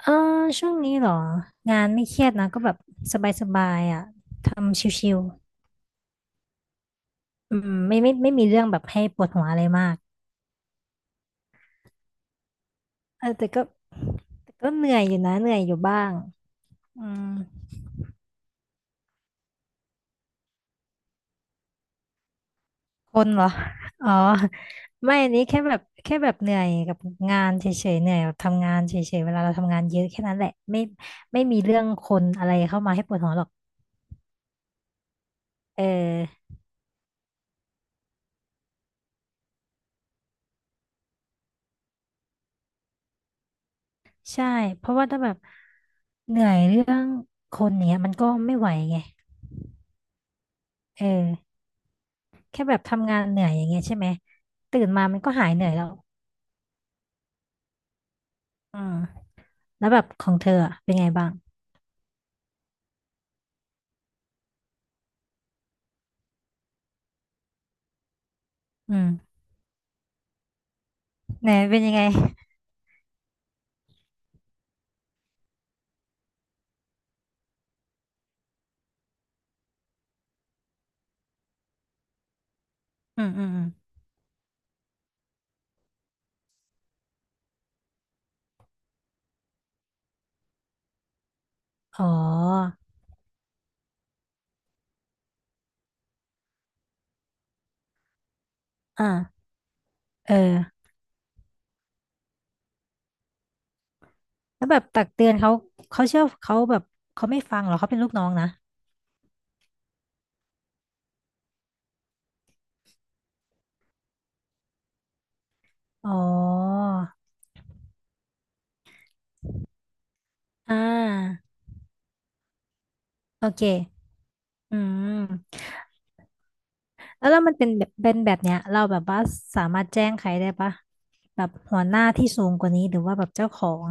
เออช่วงนี้เหรองานไม่เครียดนะก็แบบสบายๆอ่ะทำชิวๆอืมไม่มีเรื่องแบบให้ปวดหัวอะไรมากเออแต่ก็เหนื่อยอยู่นะเหนื่อยอยู่บ้างอืมคนเหรออ๋อไม่อันนี้แค่แบบเหนื่อยกับงานเฉยๆเหนื่อยกับทำงานเฉยๆเวลาเราทำงานเยอะแค่นั้นแหละไม่ไม่มีเรื่องคนอะไรเข้ามาให้ปวดหัวหรอกเออใช่เพราะว่าถ้าแบบเหนื่อยเรื่องคนเนี้ยมันก็ไม่ไหวไงเออ แค่แบบทำงานเหนื่อยอย่างเงี้ยใช่ไหมตื่นมามันก็หายเหนื่อยแล้วอืมแล้วแบบของเธออะเป็นไงบ้างอืมไหนเป็นยังไงอืมอืมอืมอ๋ออ่าเออแล้วแบบตักเตือนเขาเขาเชื่อเขาแบบเขาไม่ฟังเหรอเขาเป็นลูกน้องนะอ๋ออ่าโอเคอืมแล้วมันเป็นแบบเนี้ยเราแบบว่าสามารถแจ้งใครได้ปะแบบหัวหน้าที่สูงกว่านี้หรือว่าแบบเจ้าของ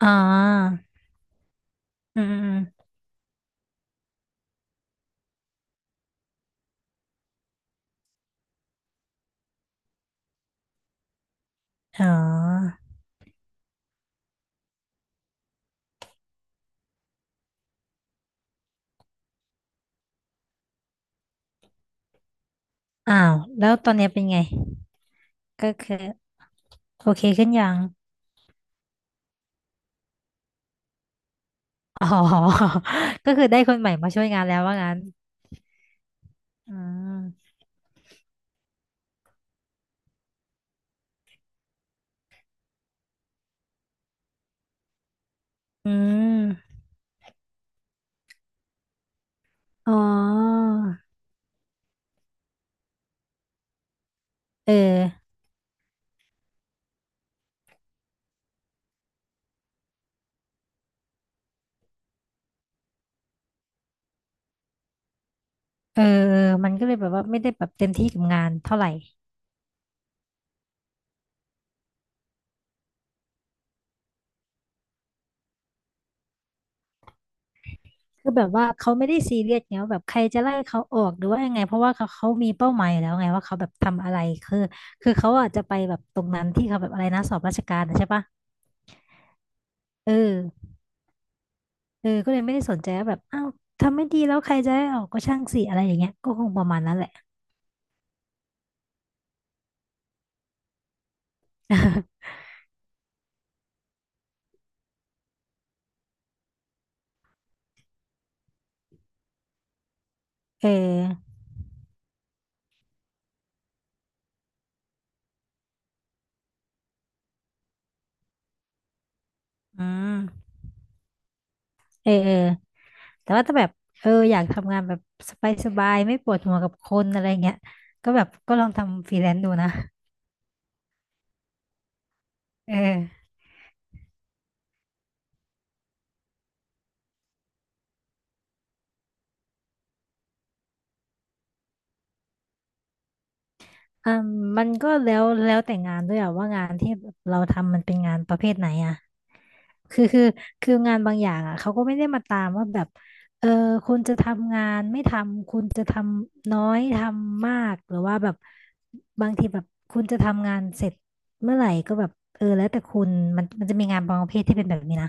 อ่าอืมอืมอมอ๋อ อ้าวแล้วตอนเนี้ยเป็นไงก็คือโอเคขึ้นยังอ๋อ ก็คือได้คนใหม่มาช่วยงานแล้วว่างั้นอืมอืมอ๋อเออเออเออมันก็เลยแบบว่าไม่ได้แบบเต็มที่กับงานเท่าไหร่คือแบบว่าเขาไม่ได้ซีเรียสไงว่าแบบใครจะไล่เขาออกหรือว่ายังไงเพราะว่าเขามีเป้าหมายอยู่แล้วไงว่าเขาแบบทำอะไรคือคือเขาอาจจะไปแบบตรงนั้นที่เขาแบบอะไรนะสอบราชการนะใช่ปะเออ เออก็เลยไม่ได้สนใจว่าแบบอ้าวทำไม่ดีแล้วใครจะได้ออกก็ช่างสิอะไรอย่างเงี้ยก็คงประมาณนั้นแหละ เอออืมเออเออแต่ว่าถ้าแบบเอออยากทำงานแบบสบายๆไม่ปวดหัวกับคนอะไรเงี้ยก็แบบก็ลองทำฟรีแลนซ์ดูนะเออ อืมมันก็แล้วแต่งานด้วยอะว่างานที่เราทำมันเป็นงานประเภทไหนอะคือคือคืองานบางอย่างอะเขาก็ไม่ได้มาตามว่าแบบเออคุณจะทำงานไม่ทำคุณจะทำน้อยทำมากหรือว่าแบบบางทีแบบคุณจะทำงานเสร็จเมื่อไหร่ก็แบบเออแล้วแต่คุณมันจะมีงานบางประเภทที่เป็นแบบนี้นะ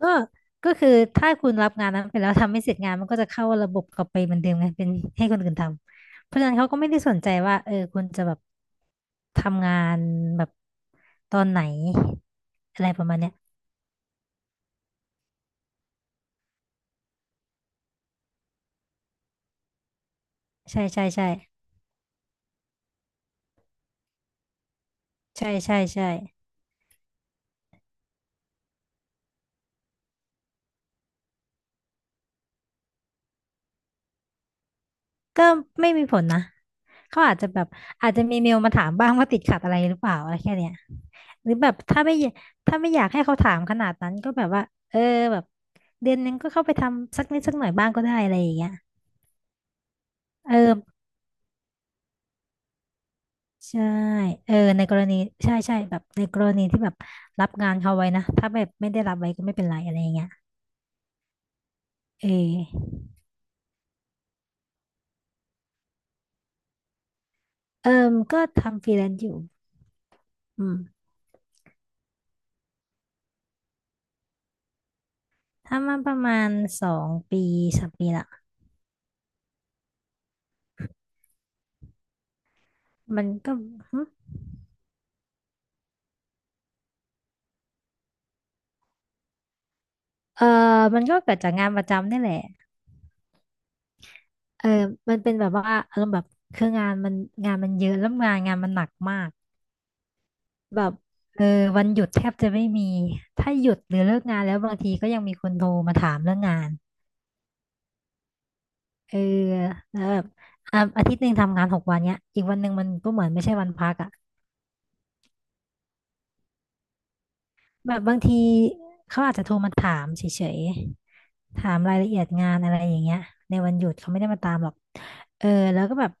ก็ก็คือถ้าคุณรับงานนั้นไปแล้วทำไม่เสร็จงานมันก็จะเข้าระบบกลับไปเหมือนเดิมไงเป็นให้คนอื่นทำเพราะฉะนั้นเขาก็ไม่ได้สนใจว่าเออคุณจะแบบทำงานแบบตอนไหนอะไรประมาณเนี้ยใช่ใช่ใช่ใช่ใช่ใช่ก็ไม่มีผลนะเขาอาจจะแบบอาจจะมีเมลมาถามบ้างว่าติดขัดอะไรหรือเปล่าอะไรแค่เนี้ยหรือแบบถ้าไม่อยากให้เขาถามขนาดนั้นก็แบบว่าเออแบบเดือนนึงก็เข้าไปทำสักนิดสักหน่อยบ้างก็ได้อะไรอย่างเงี้ย เออใช่เออในกรณีใช่ใช่แบบในกรณีที่แบบรับงานเขาไว้นะถ้าแบบไม่ได้รับไว้ก็ไม่เป็นไรอะไรอย่างเงี้ยเออเออก็ทำฟรีแลนซ์อยู่อืมทำมาประมาณ2 ปี3 ปีละมันก็หึเออมันก็เกิดจากงานประจำนี่แหละเออมันเป็นแบบว่าอารมณ์แบบคืองานมันเยอะแล้วงานมันหนักมากแบบเออวันหยุดแทบจะไม่มีถ้าหยุดหรือเลิกงานแล้วบางทีก็ยังมีคนโทรมาถามเรื่องงาน เออแล้วแบบอ่ะอาทิตย์หนึ่งทำงาน6 วันเนี้ยอีกวันหนึ่งมันก็เหมือนไม่ใช่วันพักอ่ะแบบบางทีเขาอาจจะโทรมาถามเฉยๆถามรายละเอียดงานอะไรอย่างเงี้ยในวันหยุดเขาไม่ได้มาตามหรอกเออแล้วก็แบบ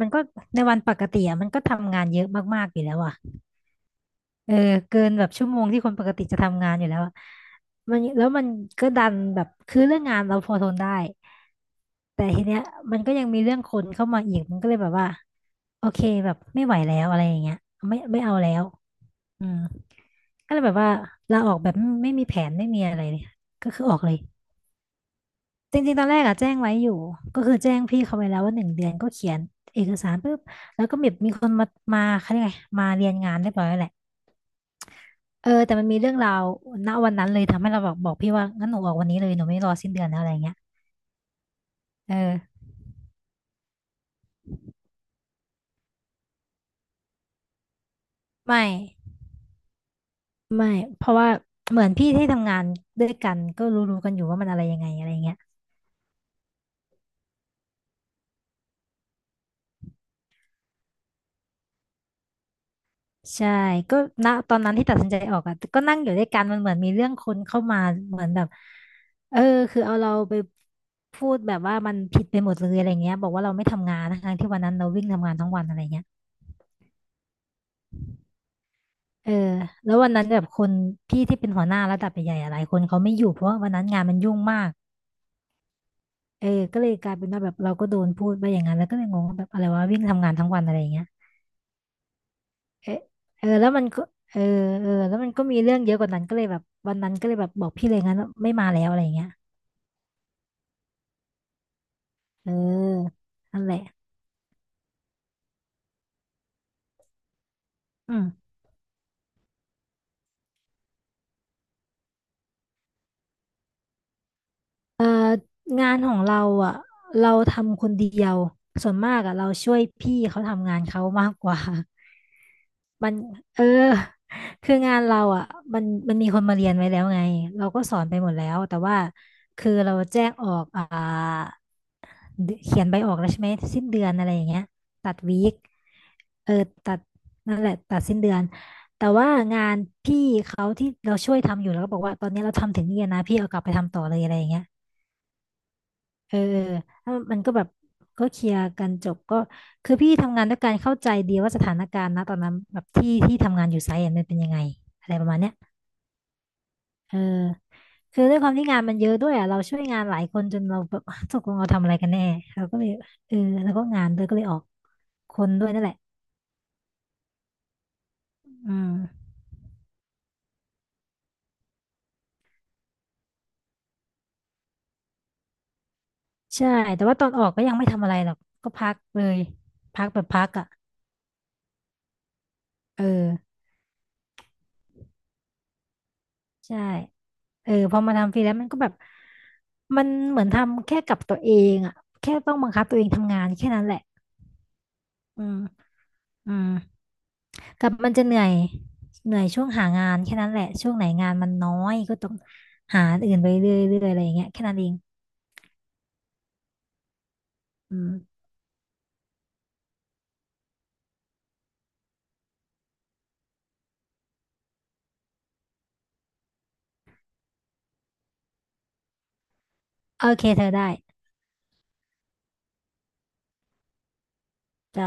มันก็ในวันปกติอ่ะมันก็ทำงานเยอะมากๆอยู่แล้วอ่ะเออเกินแบบชั่วโมงที่คนปกติจะทำงานอยู่แล้วอะมันก็ดันแบบคือเรื่องงานเราพอทนได้ แต่ทีเนี้ยมันก็ยังมีเรื่องคนเข้ามาอีกมันก็เลยแบบว่าโอเคแบบไม่ไหวแล้วอะไรอย่างเงี้ยไม่เอาแล้วอืมก็เลยแบบว่าลาออกแบบไม่มีแผนไม่มีอะไรเลยก็คือออกเลยจริงๆตอนแรกอะแจ้งไว้อยู่ก็คือแจ้งพี่เขาไว้แล้วว่า1 เดือนก็เขียนเอกสารปุ๊บแล้วก็แบบมีคนมาเขาเรียกไงมาเรียนงานเรียบร้อยแล้วแหละเออแต่มันมีเรื่องราวณวันนั้นเลยทำให้เราแบบบอกพี่ว่างั้นหนูออกวันนี้เลยหนูไม่รอสิ้นเดือนแล้วอะไรเงี้ยเออไม่ ไม่เพราะว่าเหมือนพี่ที่ทำงานด้วยกันก็รู้ๆกันอยู่ว่ามันอะไรยังไงอะไรเงี้ยใช่ก็ณตอนนั้นที่ตัดสินใจออกอ่ะก็นั่งอยู่ด้วยกันมันเหมือนมีเรื่องคนเข้ามาเหมือนแบบเออคือเอาเราไปพูดแบบว่ามันผิดไปหมดเลยอะไรเงี้ยบอกว่าเราไม่ทำงานทั้งๆที่วันนั้นเราวิ่งทำงานทั้งวันอะไรเงี้ยเออแล้ววันนั้นแบบคนพี่ที่เป็นหัวหน้าระดับใหญ่ๆหลายคนเขาไม่อยู่เพราะว่าวันนั้นงานมันยุ่งมากเออก็เลยกลายเป็นว่าแบบเราก็โดนพูดไปอย่างนั้นแล้วก็เลยงงว่าแบบอะไรวะวิ่งทำงานทั้งวันอะไรเงี้ย เออเออแล้วมันก็เออเออแล้วมันก็มีเรื่องเยอะกว่านั้นก็เลยแบบวันนั้นก็เลยแบบบอกพี่เลยงั้นว่าไม่มาแล้วอะไรอย่างเงี้ยเออนั่นแหละอืมเอองานของเราอ่ะเราทำคนเดียวส่วนมากอ่ะเราช่วยพี่เขาทำงานเขามากกว่า มันเออคืองานเราอ่ะมันมันมีคนมาเรียนไว้แล้วไงเราก็สอนไปหมดแล้วแต่ว่าคือเราแจ้งออกเดเขียนใบออกแล้วใช่ไหมสิ้นเดือนอะไรอย่างเงี้ยตัดวีคเออตัดนั่นแหละตัดสิ้นเดือนแต่ว่างานพี่เขาที่เราช่วยทำอยู่แล้วก็บอกว่าตอนนี้เราทำถึงนี่แล้วนะพี่เอากลับไปทำต่อเลยอะไรอย่างเงี้ยเออแล้วมันก็แบบก็เคลียร์กันจบก็คือพี่ทำงานด้วยการเข้าใจดีว่าสถานการณ์นะตอนนั้นแบบที่ทำงานอยู่ไซต์อะมันเป็นยังไงอะไรประมาณเนี้ยเออคือด้วยความที่งานมันเยอะด้วยอ่ะเราช่วยงานหลายคนจนเราแบบ ตกลงเราทำอะไรกันแน่เราก็เลยเออแล้วก็งานเลยก็เลยออก คนด้วยนั่นแหละอืมใช่ แต่ว่าตอนออกก็ยังไม่ทำอะไรหรอกก็พักเลย พักแบบพักอ่ะเออใช่เออพอมาทำฟรีแล้วมันก็แบบมันเหมือนทำแค่กับตัวเองอ่ะแค่ต้องบังคับตัวเองทำงานแค่นั้นแหละอืมอืมกับมันจะเหนื่อยเหนื่อยช่วงหางานแค่นั้นแหละช่วงไหนงานมันน้อยก็ต้องหาอันอื่นไปเรื่อยๆอะไรอย่างเงี้ยแค่นั้นเองอืมโอเคเธอได้จ้า